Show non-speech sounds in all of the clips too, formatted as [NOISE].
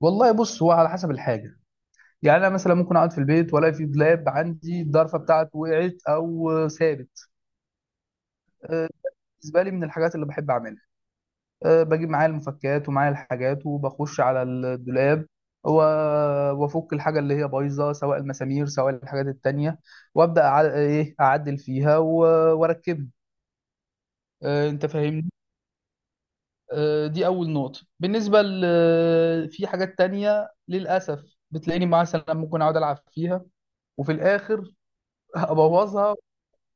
والله بص، هو على حسب الحاجه. يعني انا مثلا ممكن اقعد في البيت والاقي في دولاب عندي الضرفه بتاعته وقعت او ثابت. آه، بالنسبه لي من الحاجات اللي بحب اعملها، بجيب معايا المفكات ومعايا الحاجات وبخش على الدولاب و- وافك الحاجه اللي هي بايظه، سواء المسامير سواء الحاجات التانية، وابدا ايه اعدل فيها واركبها. آه، انت فاهمني. آه، دي اول نقطه. في حاجات تانية للاسف بتلاقيني مثلا ممكن اقعد العب فيها وفي الاخر ابوظها،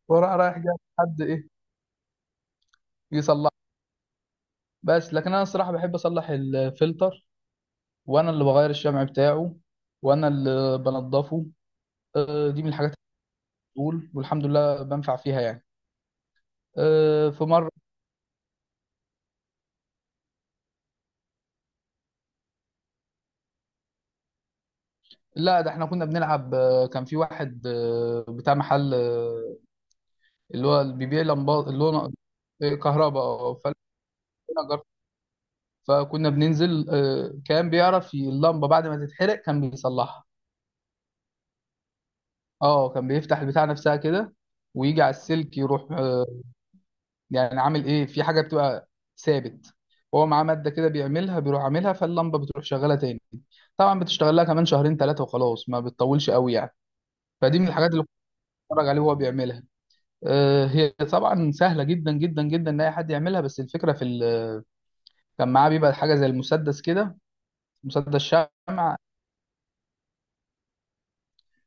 واروح رايح جاي حد ايه يصلح. بس لكن انا الصراحه بحب اصلح الفلتر، وانا اللي بغير الشمع بتاعه، وانا اللي بنضفه. آه، دي من الحاجات اللي بتقول، والحمد لله بنفع فيها يعني. آه، في مره، لا ده احنا كنا بنلعب، كان في واحد، بتاع محل، اللي هو اللي بيبيع لمبات، اللي هو كهرباء. آه، فأنا جربت. فكنا بننزل، كان بيعرف اللمبه بعد ما تتحرق كان بيصلحها. اه كان بيفتح البتاع نفسها كده ويجي على السلك يروح، يعني عامل ايه، في حاجه بتبقى ثابت هو معاه ماده كده بيعملها، بيروح عاملها فاللمبه بتروح شغاله تاني. طبعا بتشتغل لها كمان شهرين ثلاثه وخلاص، ما بتطولش قوي يعني. فدي من الحاجات اللي كنت بتفرج عليه وهو بيعملها. آه، هي طبعا سهله جدا جدا جدا ان اي حد يعملها، بس الفكره في كان معاه بيبقى حاجه زي المسدس كده، مسدس شمع.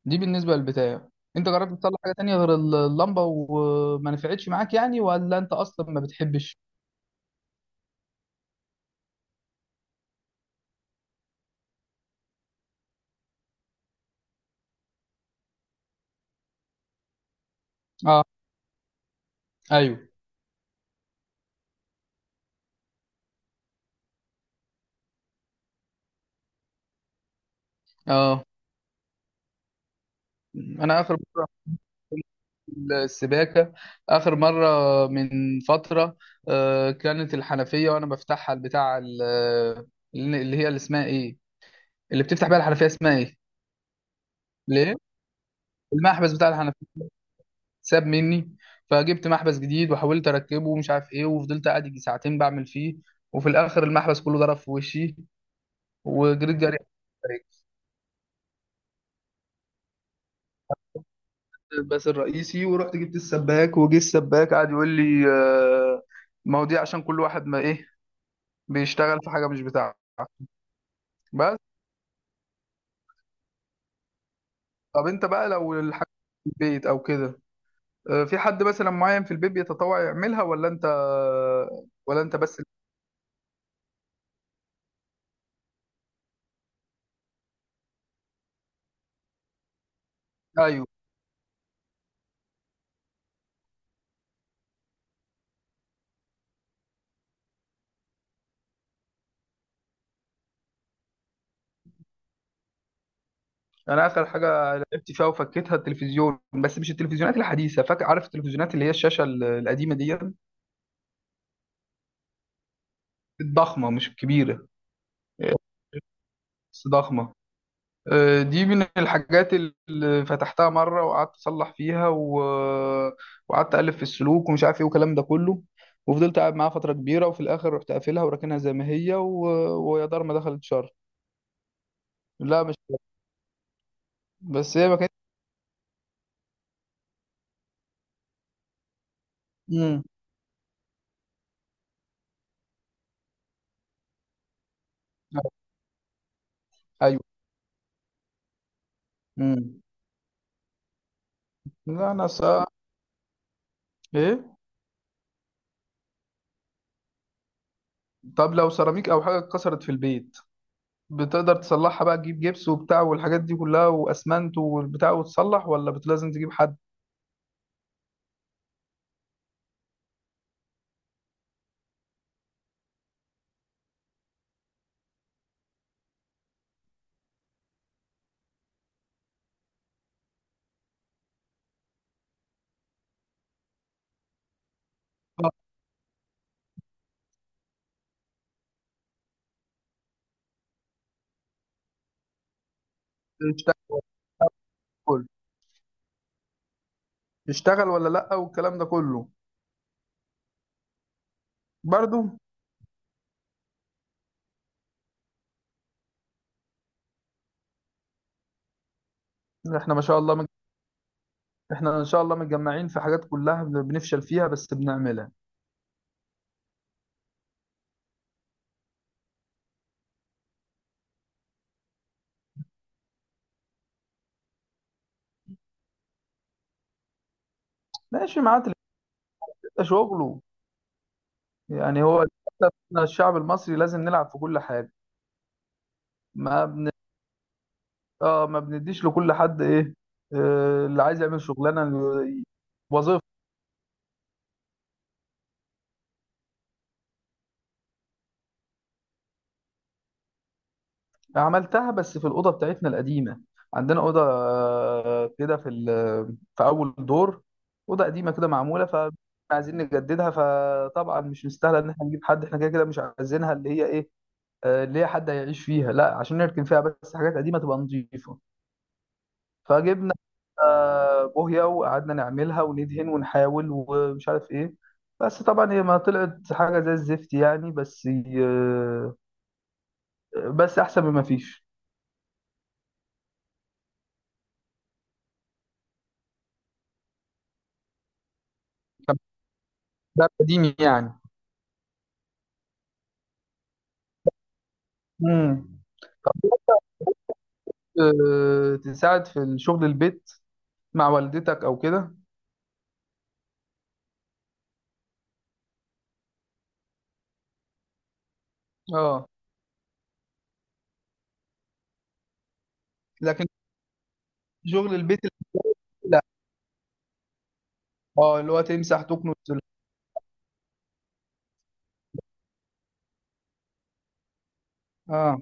دي بالنسبه للبتاع. انت جربت تطلع حاجه تانية غير اللمبه وما نفعتش معاك يعني، ولا انت اصلا ما بتحبش؟ اه. ايوه. اه انا اخر السباكة، آخر مرة، من فترة، آه، كانت الحنفية وأنا بفتحها، اللي هي اللي اسمها إيه، اللي بتفتح بيها الحنفية اسمها إيه؟ ليه المحبس بتاع الحنفية ساب مني، فجبت محبس جديد وحاولت أركبه ومش عارف إيه، وفضلت قاعد يجي ساعتين بعمل فيه، وفي الآخر المحبس كله ضرب في وشي وجريت جري. بس الرئيسي، ورحت جبت السباك، وجه السباك قعد يقول لي، آه، ما هو دي عشان كل واحد ما ايه، بيشتغل في حاجه مش بتاعته. بس. طب انت بقى لو الحاجه في البيت او كده، آه، في حد مثلا معين في البيت بيتطوع يعملها، ولا انت بس؟ ايوه. انا اخر حاجه لعبت فيها وفكيتها التلفزيون، بس مش التلفزيونات الحديثه، فاكر عارف التلفزيونات اللي هي القديمه دي، الضخمه مش الكبيره. آه، بس ضخمه. آه، دي من الحاجات اللي فتحتها مرة وقعدت أصلح فيها و... وقعدت ألف في السلوك ومش عارف إيه والكلام ده كله، وفضلت قاعد معاها فترة كبيرة، وفي الآخر رحت قافلها وراكنها زي ما هي و... ويا دار ما دخلت شر. لا مش بس هي ما كانت. مم. أيوه. مم. لا أنا سا... إيه. طب لو سيراميك أو حاجة اتكسرت في البيت، بتقدر تصلحها بقى، تجيب جبس وبتاع والحاجات دي كلها، وأسمنت والبتاع، وتصلح، لازم تجيب حد؟ آه، تشتغل. يشتغل ولا لا، والكلام ده كله. برضو. احنا ما شاء الله مج... احنا ان شاء الله متجمعين في حاجات كلها بنفشل فيها بس بنعملها. ماشي معاه اللي بيبقى شغله. يعني هو للأسف إحنا الشعب المصري لازم نلعب في كل حاجه. ما بن... اه ما بنديش لكل حد ايه، آه اللي عايز يعمل شغلانه، وظيفه. عملتها بس في الأوضة بتاعتنا القديمة. عندنا أوضة آه، كده في في أول دور، أوضة قديمة كده معمولة، فعايزين نجددها، فطبعا مش مستاهلة إن إحنا نجيب حد، إحنا كده كده مش عايزينها اللي هي إيه، آه، اللي هي حد هيعيش فيها، لا عشان نركن فيها بس، حاجات قديمة تبقى نظيفة. فجبنا آه، بوهية، وقعدنا نعملها وندهن ونحاول ومش عارف إيه، بس طبعا هي ما طلعت حاجة زي الزفت يعني، بس آه، بس أحسن مما فيش. ده قديم يعني. امم. آه، تساعد في الشغل البيت مع والدتك او كده. اه لكن شغل البيت، لا. اه اللي هو تمسح تكنس. اه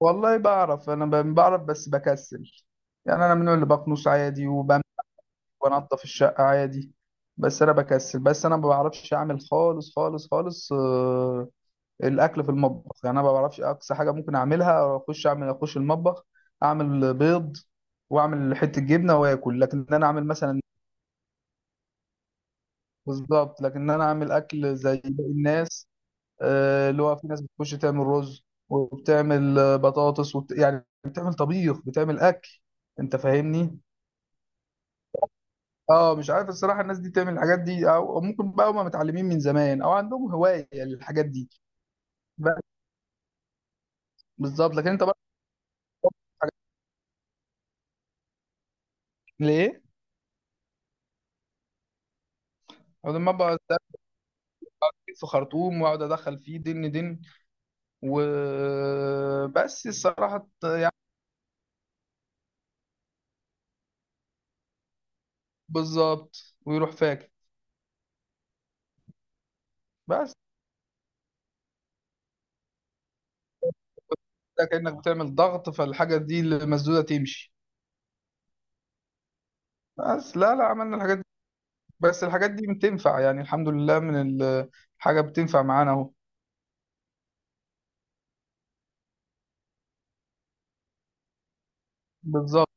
والله بعرف، انا بعرف بس بكسل. يعني انا من اللي بكنس عادي وبمسح وانضف الشقه عادي، بس انا بكسل، بس انا ما بعرفش اعمل خالص خالص خالص. آه الاكل في المطبخ يعني انا ما بعرفش، اقصى حاجه ممكن اعملها اخش اعمل اخش المطبخ، اعمل بيض واعمل حته جبنه واكل. لكن انا اعمل مثلا، بالظبط، لكن انا اعمل اكل زي باقي الناس، اللي هو في ناس بتخش تعمل رز وبتعمل آه، بطاطس وبت... يعني بتعمل طبيخ بتعمل اكل. انت فاهمني، اه مش عارف الصراحه الناس دي تعمل الحاجات دي، او أو ممكن بقى هم متعلمين من زمان او عندهم هوايه للحاجات دي. بس- بالظبط. لكن انت بقى حاجات، ليه؟ أول ما بقعد أركز في خرطوم وأقعد أدخل فيه دن دن، وبس الصراحة يعني. بالظبط، ويروح فاكر. بس ده كأنك بتعمل ضغط فالحاجة دي المسدودة تمشي. بس لا عملنا الحاجات دي. بس الحاجات دي بتنفع يعني الحمد لله، حاجة بتنفع معانا اهو. بالظبط.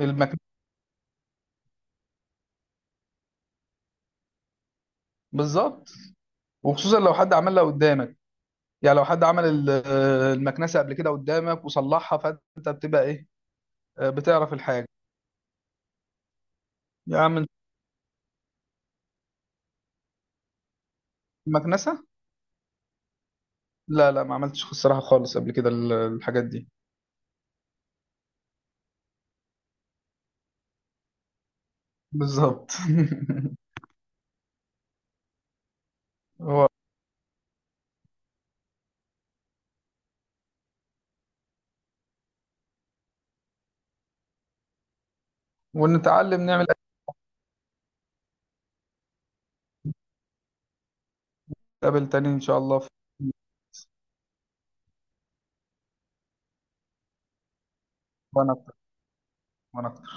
المكن. بالظبط، وخصوصا لو حد عملها قدامك. يعني لو حد عمل المكنسة قبل كده قدامك وصلحها، فانت بتبقى ايه، بتعرف الحاجة. يا عم. المكنسة، لا ما عملتش الصراحة خالص قبل كده الحاجات دي. بالظبط. [LAUGHS] هو. ونتعلم نعمل قبل تاني ان شاء الله وانا، وانا.